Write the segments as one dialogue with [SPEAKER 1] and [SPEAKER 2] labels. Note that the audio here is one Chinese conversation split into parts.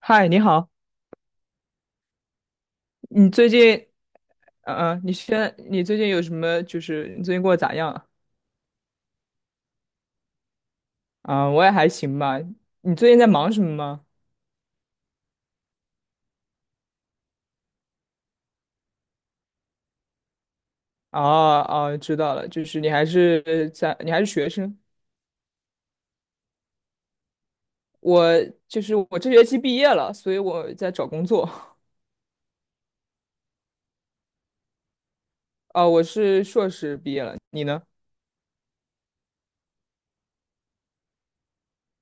[SPEAKER 1] 嗨，你好，你最近，嗯、呃，嗯你现你最近有什么？就是你最近过得咋样啊？我也还行吧。你最近在忙什么吗？哦哦，知道了，就是你还是在，你还是学生。我就是我这学期毕业了，所以我在找工作。我是硕士毕业了，你呢？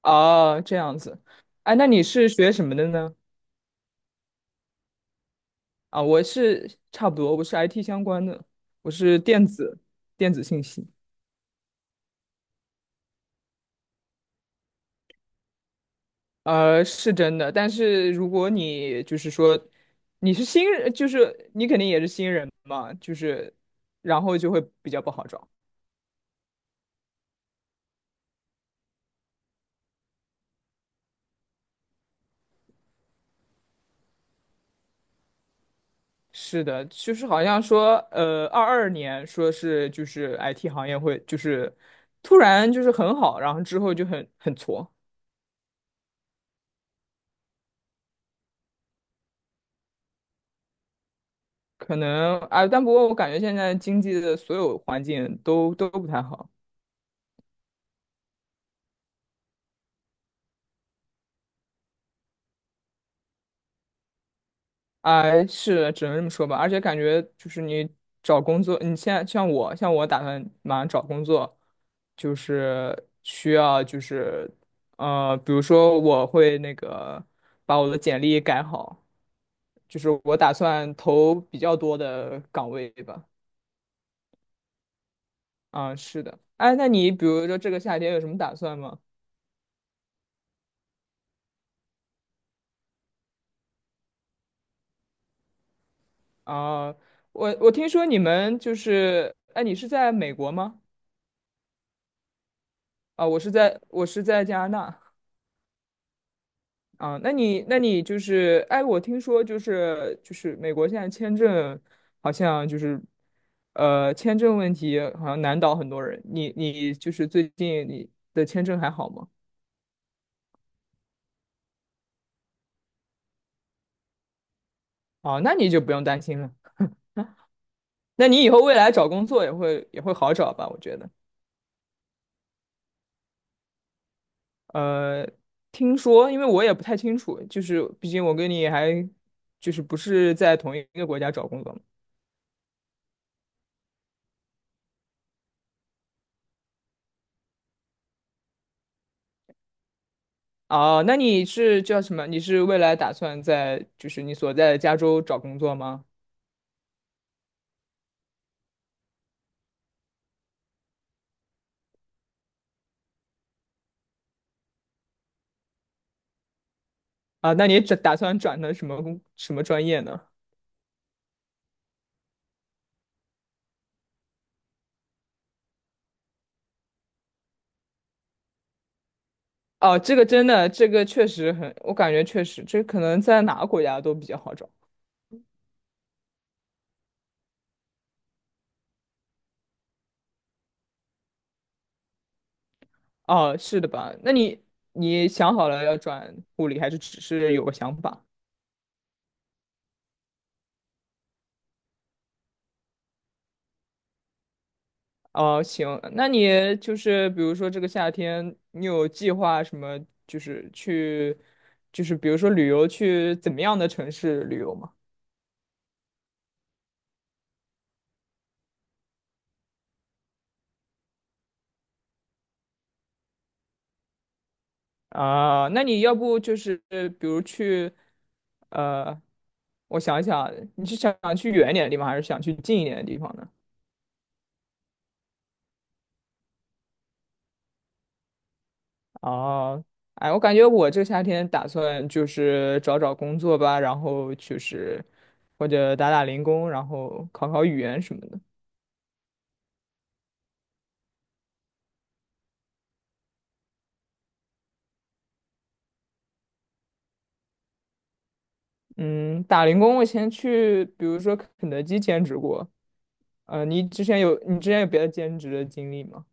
[SPEAKER 1] 哦，这样子。哎，那你是学什么的呢？我是差不多，我是 IT 相关的，我是电子信息。呃，是真的，但是如果你就是说你是新人，就是你肯定也是新人嘛，就是然后就会比较不好找。是的，就是好像说，二二年说是就是 IT 行业会突然就是很好，然后之后就很挫，可能啊，但不过我感觉现在经济的所有环境都不太好。哎，是，只能这么说吧。而且感觉就是你找工作，你现在像我，像我打算马上找工作，就是需要呃，比如说我会那个把我的简历改好，就是我打算投比较多的岗位吧。啊，是的。哎，那你比如说这个夏天有什么打算吗？啊，我听说你们就是，哎，你是在美国吗？啊，我是在加拿大。啊，那你就是，哎，我听说美国现在签证好像就是，呃，签证问题好像难倒很多人。你就是最近你的签证还好吗？啊，那你就不用担心了。那你以后未来找工作也会好找吧？我觉得。呃，听说，因为我也不太清楚，就是毕竟我跟你还就是不是在同一个国家找工作嘛。哦，那你是叫什么？你是未来打算在就是你所在的加州找工作吗？啊，那你转打算转的什么专业呢？哦，这个真的，这个确实很，我感觉确实，这可能在哪个国家都比较好找。哦，是的吧？那你你想好了要转护理，还是只是有个想法？哦，行，那你就是比如说这个夏天，你有计划什么？就是去，就是比如说旅游，去怎么样的城市旅游吗？啊，那你要不呃比如去，呃，我想一想，你是想去远一点的地方，还是想去近一点的地方呢？哦，哎，我感觉我这个夏天打算就是找找工作吧，然后就是或者打打零工，然后考考语言什么的。嗯，打零工我以前去，比如说肯德基兼职过。你之前有别的兼职的经历吗？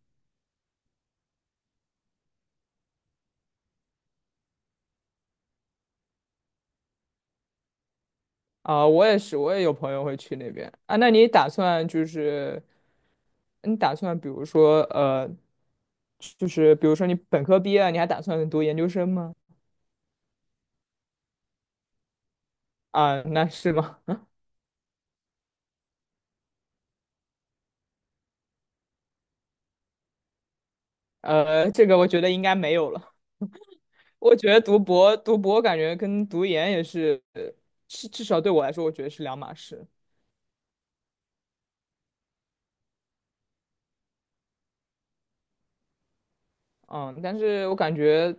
[SPEAKER 1] 啊，我也是，我也有朋友会去那边啊。那你打算就是，你打算比如说就是比如说你本科毕业了你还打算读研究生吗？啊，那是吗？呃，这个我觉得应该没有了。我觉得读博感觉跟读研也是，至少对我来说，我觉得是两码事。嗯，但是我感觉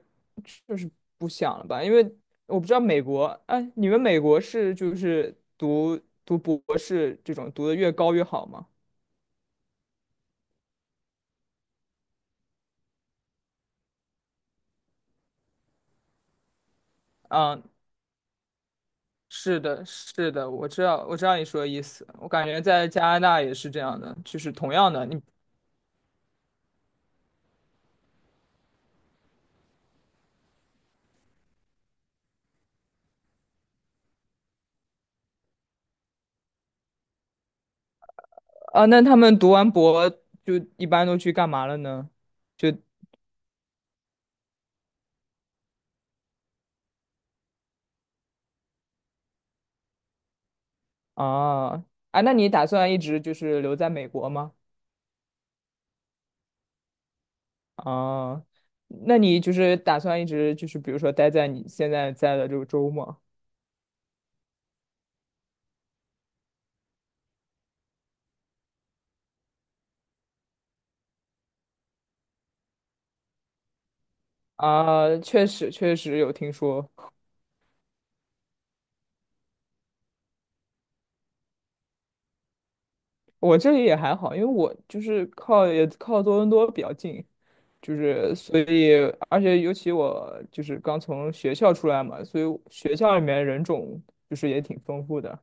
[SPEAKER 1] 就是不想了吧，因为我不知道美国，哎，你们美国是就是读博士这种读的越高越好吗？嗯，是的，是的，我知道，我知道你说的意思。我感觉在加拿大也是这样的，就是同样的，你啊，那他们读完博就一般都去干嘛了呢？就啊，啊，那你打算一直就是留在美国吗？啊，那你就是打算一直就是比如说待在你现在在的这个州吗？啊，确实确实有听说，我这里也还好，因为我就是靠也靠多伦多比较近，就是所以而且尤其我就是刚从学校出来嘛，所以学校里面人种就是也挺丰富的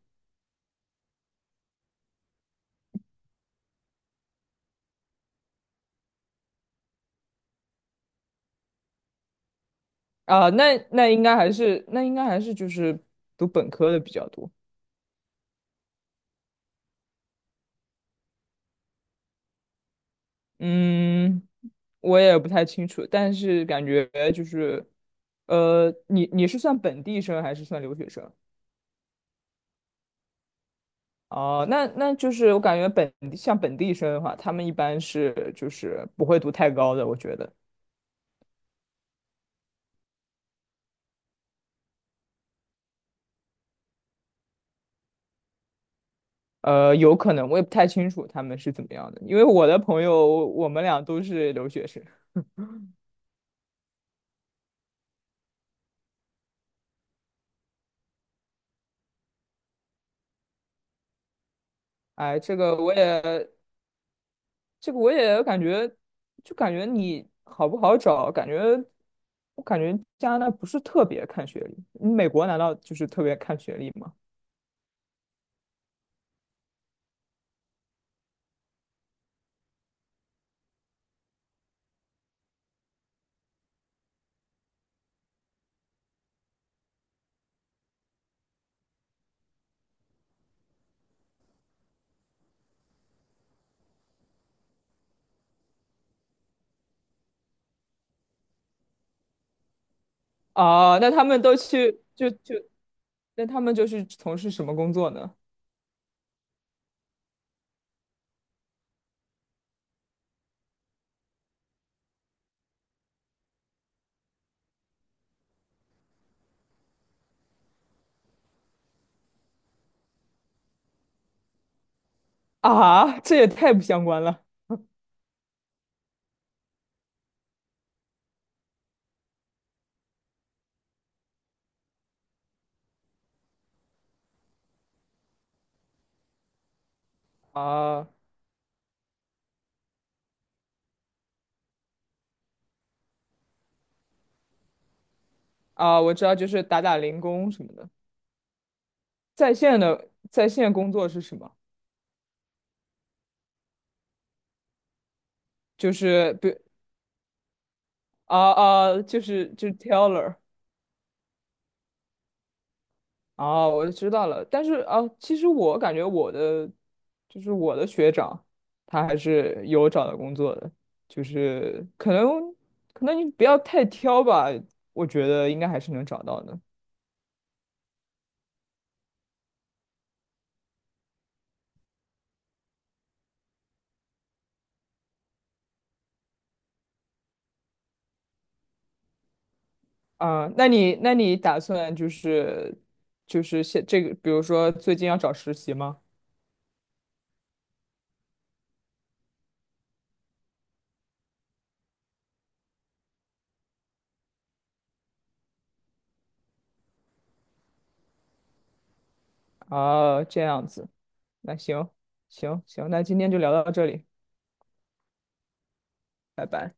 [SPEAKER 1] 啊，那应该还是就是读本科的比较多，嗯。我也不太清楚，但是感觉就是，呃，你是算本地生还是算留学生？哦，那就是我感觉本地像本地生的话，他们一般是就是不会读太高的，我觉得，呃，有可能我也不太清楚他们是怎么样的，因为我的朋友我们俩都是留学生，哎，这个我也感觉，就感觉你好不好找，感觉我感觉加拿大不是特别看学历，美国难道就是特别看学历吗？啊，那他们就是从事什么工作呢？啊，这也太不相关了啊啊！我知道，就是打打零工什么的。在线工作是什么？就是对啊，就是 teller。 啊，我知道了。但是啊，其实我感觉我的就是我的学长，他还是有找到工作的，就是可能你不要太挑吧，我觉得应该还是能找到的。啊，那你打算就是就是现这个，比如说最近要找实习吗？啊，这样子，那行行行，那今天就聊到这里，拜拜。